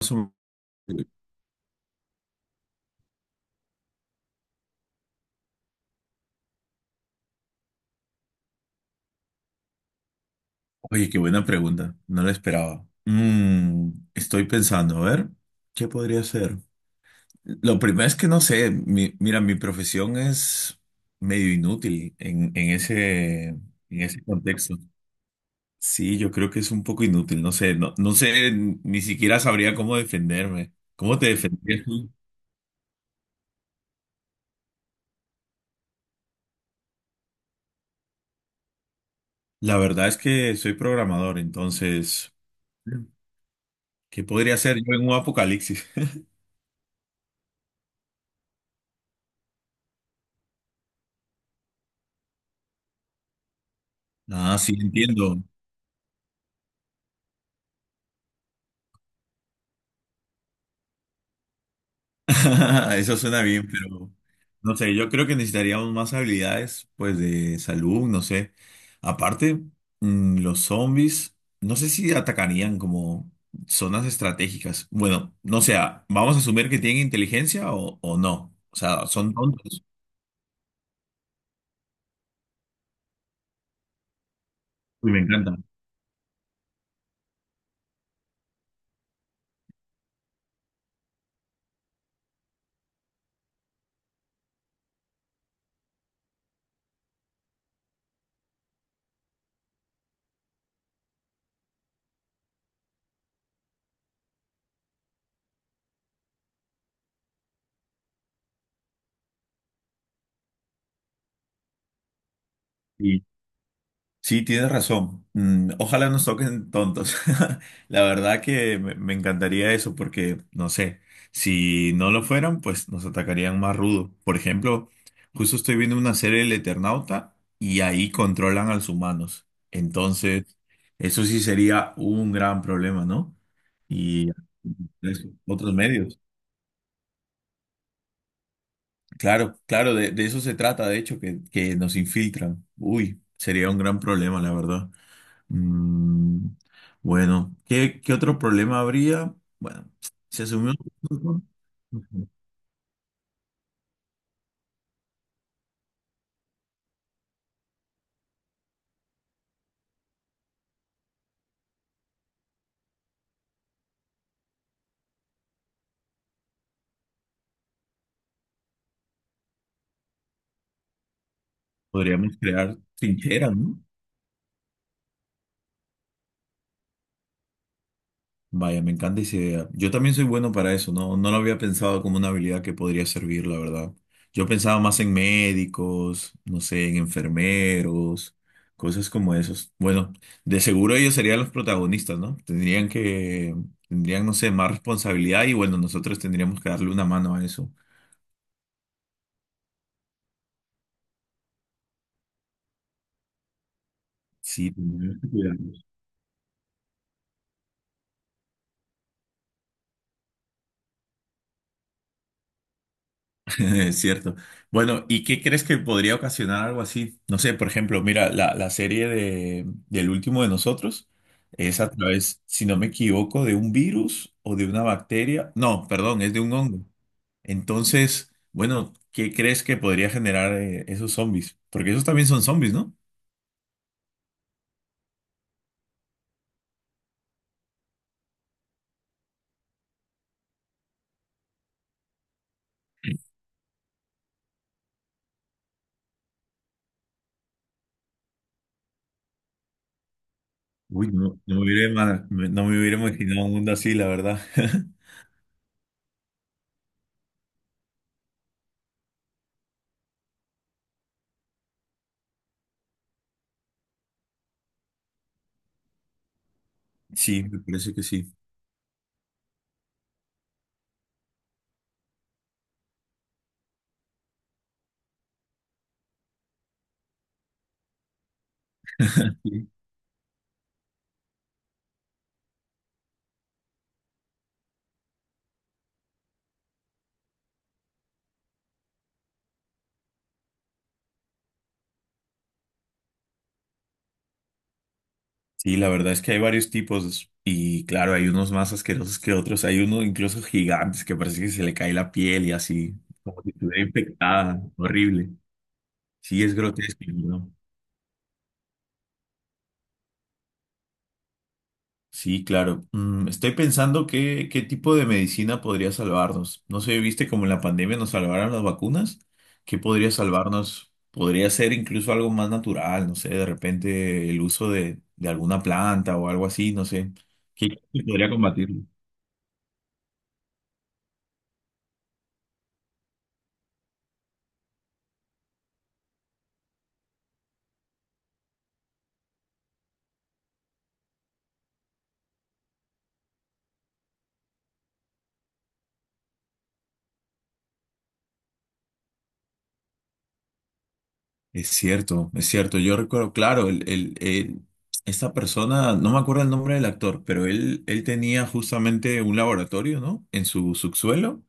su- Oye, qué buena pregunta. No la esperaba. Mm, estoy pensando, a ver, ¿qué podría ser? Lo primero es que no sé. Mira, mi profesión es medio inútil en ese contexto. Sí, yo creo que es un poco inútil. No sé, no sé, ni siquiera sabría cómo defenderme. ¿Cómo te defendías tú? La verdad es que soy programador, entonces, ¿qué podría ser yo en un apocalipsis? Ah, sí, entiendo. Eso suena bien, pero no sé, yo creo que necesitaríamos más habilidades, pues de salud, no sé. Aparte, los zombies, no sé si atacarían como zonas estratégicas. Bueno, no sé, vamos a asumir que tienen inteligencia o no. O sea, son tontos. Uy, me encanta. Sí, tienes razón. Mm, ojalá nos toquen tontos. La verdad que me encantaría eso porque, no sé, si no lo fueran, pues nos atacarían más rudo. Por ejemplo, justo estoy viendo una serie del Eternauta y ahí controlan a los humanos. Entonces, eso sí sería un gran problema, ¿no? Y eso, otros medios. Claro, claro, de eso se trata, de hecho, que nos infiltran. Uy, sería un gran problema, la verdad. Mm, bueno, ¿qué otro problema habría? Bueno, se asumimos podríamos crear trincheras, ¿no? Vaya, me encanta esa idea. Yo también soy bueno para eso, ¿no? No lo había pensado como una habilidad que podría servir, la verdad. Yo pensaba más en médicos, no sé, en enfermeros, cosas como esos. Bueno, de seguro ellos serían los protagonistas, ¿no? Tendrían, no sé, más responsabilidad y bueno, nosotros tendríamos que darle una mano a eso. Sí, es cierto. Bueno, ¿y qué crees que podría ocasionar algo así? No sé, por ejemplo, mira, la serie del último de nosotros es a través, si no me equivoco, de un virus o de una bacteria. No, perdón, es de un hongo. Entonces, bueno, ¿qué crees que podría generar esos zombies? Porque esos también son zombies, ¿no? Uy, no me hubiera imaginado un mundo así, la verdad. Sí, me parece que sí. Sí, la verdad es que hay varios tipos y claro, hay unos más asquerosos que otros. Hay uno incluso gigantes que parece que se le cae la piel y así, como si estuviera infectada, horrible. Sí, es grotesco, ¿no? Sí, claro. Mm, estoy pensando qué tipo de medicina podría salvarnos. No sé, viste como en la pandemia nos salvaron las vacunas. ¿Qué podría salvarnos? Podría ser incluso algo más natural, no sé, de repente el uso de alguna planta o algo así, no sé. ¿Qué podría combatirlo? Es cierto, es cierto. Yo recuerdo, claro, esta persona, no me acuerdo el nombre del actor, pero él tenía justamente un laboratorio, ¿no? En su subsuelo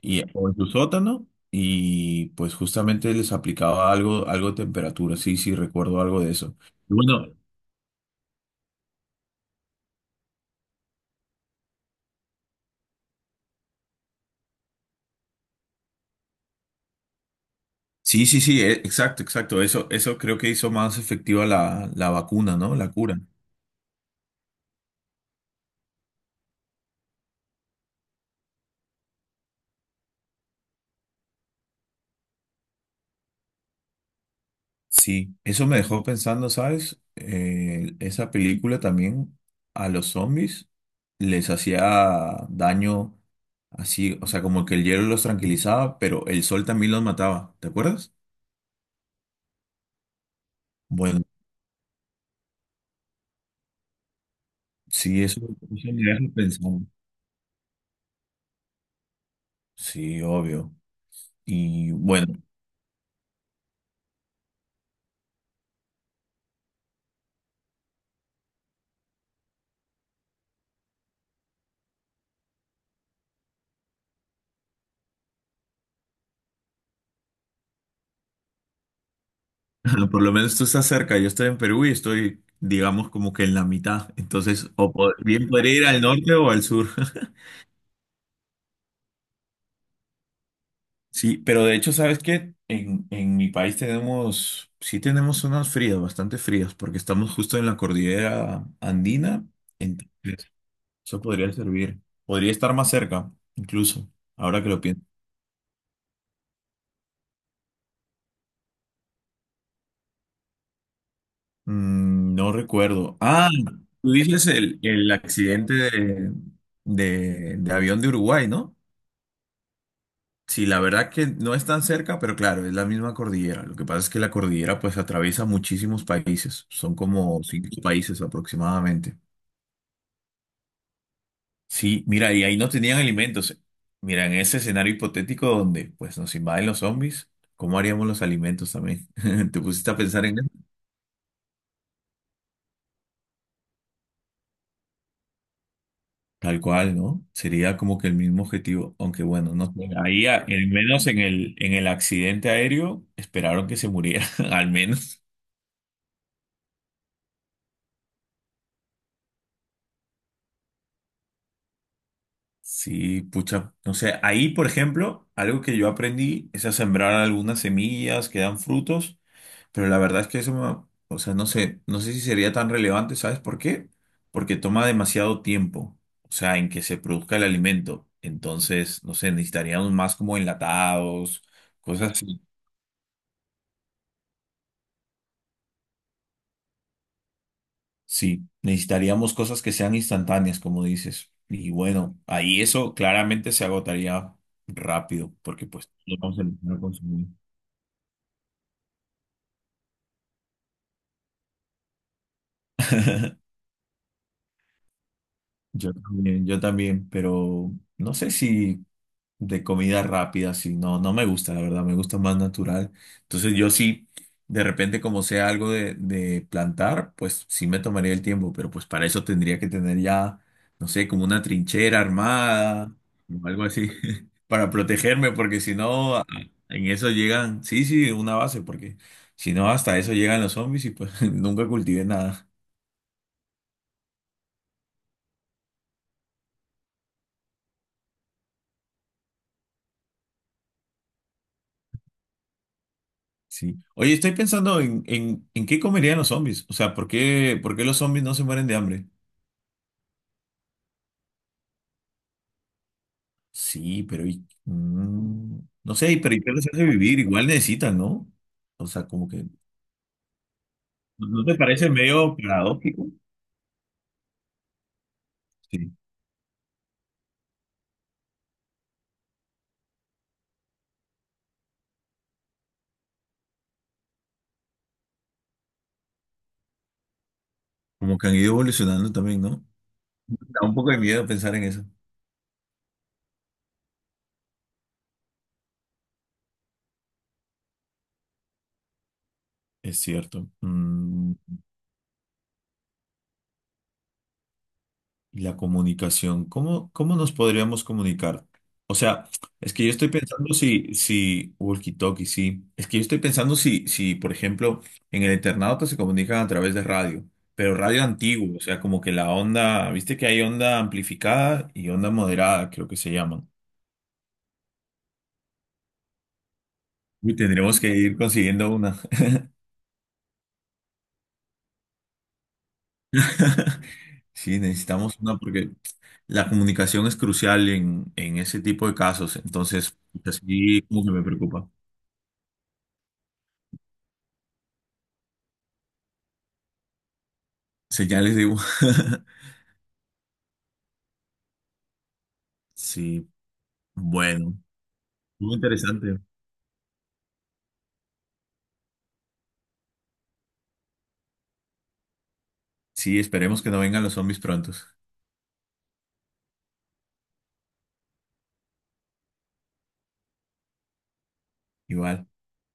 y, o en su sótano, y pues justamente les aplicaba algo, algo de temperatura. Sí, sí, recuerdo algo de eso. Bueno, sí, sí, sí, exacto, exacto. Eso creo que hizo más efectiva la vacuna, ¿no? La cura. Sí, eso me dejó pensando, ¿sabes? Esa película también a los zombies les hacía daño así, o sea, como que el hielo los tranquilizaba, pero el sol también los mataba, ¿te acuerdas? Bueno, sí, eso me deja pensando. Sí, obvio. Y bueno, por lo menos tú estás cerca, yo estoy en Perú y estoy, digamos, como que en la mitad, entonces o bien podría ir al norte o al sur. Sí, pero de hecho, ¿sabes qué? En mi país tenemos, sí tenemos zonas frías, bastante frías, porque estamos justo en la cordillera andina, entonces eso podría servir. Podría estar más cerca, incluso, ahora que lo pienso. Mm, no recuerdo. Ah, tú dices el accidente de avión de Uruguay, ¿no? Sí, la verdad que no es tan cerca, pero claro, es la misma cordillera. Lo que pasa es que la cordillera pues atraviesa muchísimos países. Son como cinco países aproximadamente. Sí, mira, y ahí no tenían alimentos. Mira, en ese escenario hipotético donde pues nos invaden los zombies, ¿cómo haríamos los alimentos también? ¿Te pusiste a pensar en eso? Tal cual, ¿no? Sería como que el mismo objetivo, aunque bueno, no sé. Ahí, al menos en el accidente aéreo, esperaron que se muriera, al menos. Sí, pucha. No sé, ahí, por ejemplo, algo que yo aprendí es a sembrar algunas semillas que dan frutos. Pero la verdad es que eso, o sea, no sé, no sé si sería tan relevante, ¿sabes por qué? Porque toma demasiado tiempo, o sea, en que se produzca el alimento. Entonces, no sé, necesitaríamos más como enlatados, cosas así. Sí, necesitaríamos cosas que sean instantáneas, como dices. Y bueno, ahí eso claramente se agotaría rápido, porque pues lo vamos a empezar a consumir. Yo también, pero no sé si de comida rápida, sí, no, no me gusta, la verdad, me gusta más natural. Entonces yo sí, de repente como sea algo de plantar, pues sí me tomaría el tiempo, pero pues para eso tendría que tener ya, no sé, como una trinchera armada o algo así, para protegerme, porque si no, en eso llegan, sí, sí, una base, porque si no, hasta eso llegan los zombies y pues nunca cultivé nada. Sí. Oye, estoy pensando en qué comerían los zombies. O sea, ¿por qué los zombies no se mueren de hambre? Sí, pero no sé, pero ¿y qué les hace vivir? Igual necesitan, ¿no? O sea, como que ¿no te parece medio paradójico? Sí. Como que han ido evolucionando también, ¿no? Da un poco de miedo pensar en eso. Es cierto. Mm, y la comunicación, ¿cómo nos podríamos comunicar? O sea, es que yo estoy pensando si walkie-talkie, sí. Es que yo estoy pensando si, por ejemplo, en el Eternauta se comunican a través de radio, pero radio antiguo, o sea, como que la onda, viste que hay onda amplificada y onda moderada, creo que se llaman. Uy, tendremos que ir consiguiendo una. Sí, necesitamos una porque la comunicación es crucial en ese tipo de casos, entonces, así como que me preocupa. Señales de... humo. Sí, bueno, muy interesante. Sí, esperemos que no vengan los zombies prontos. Igual.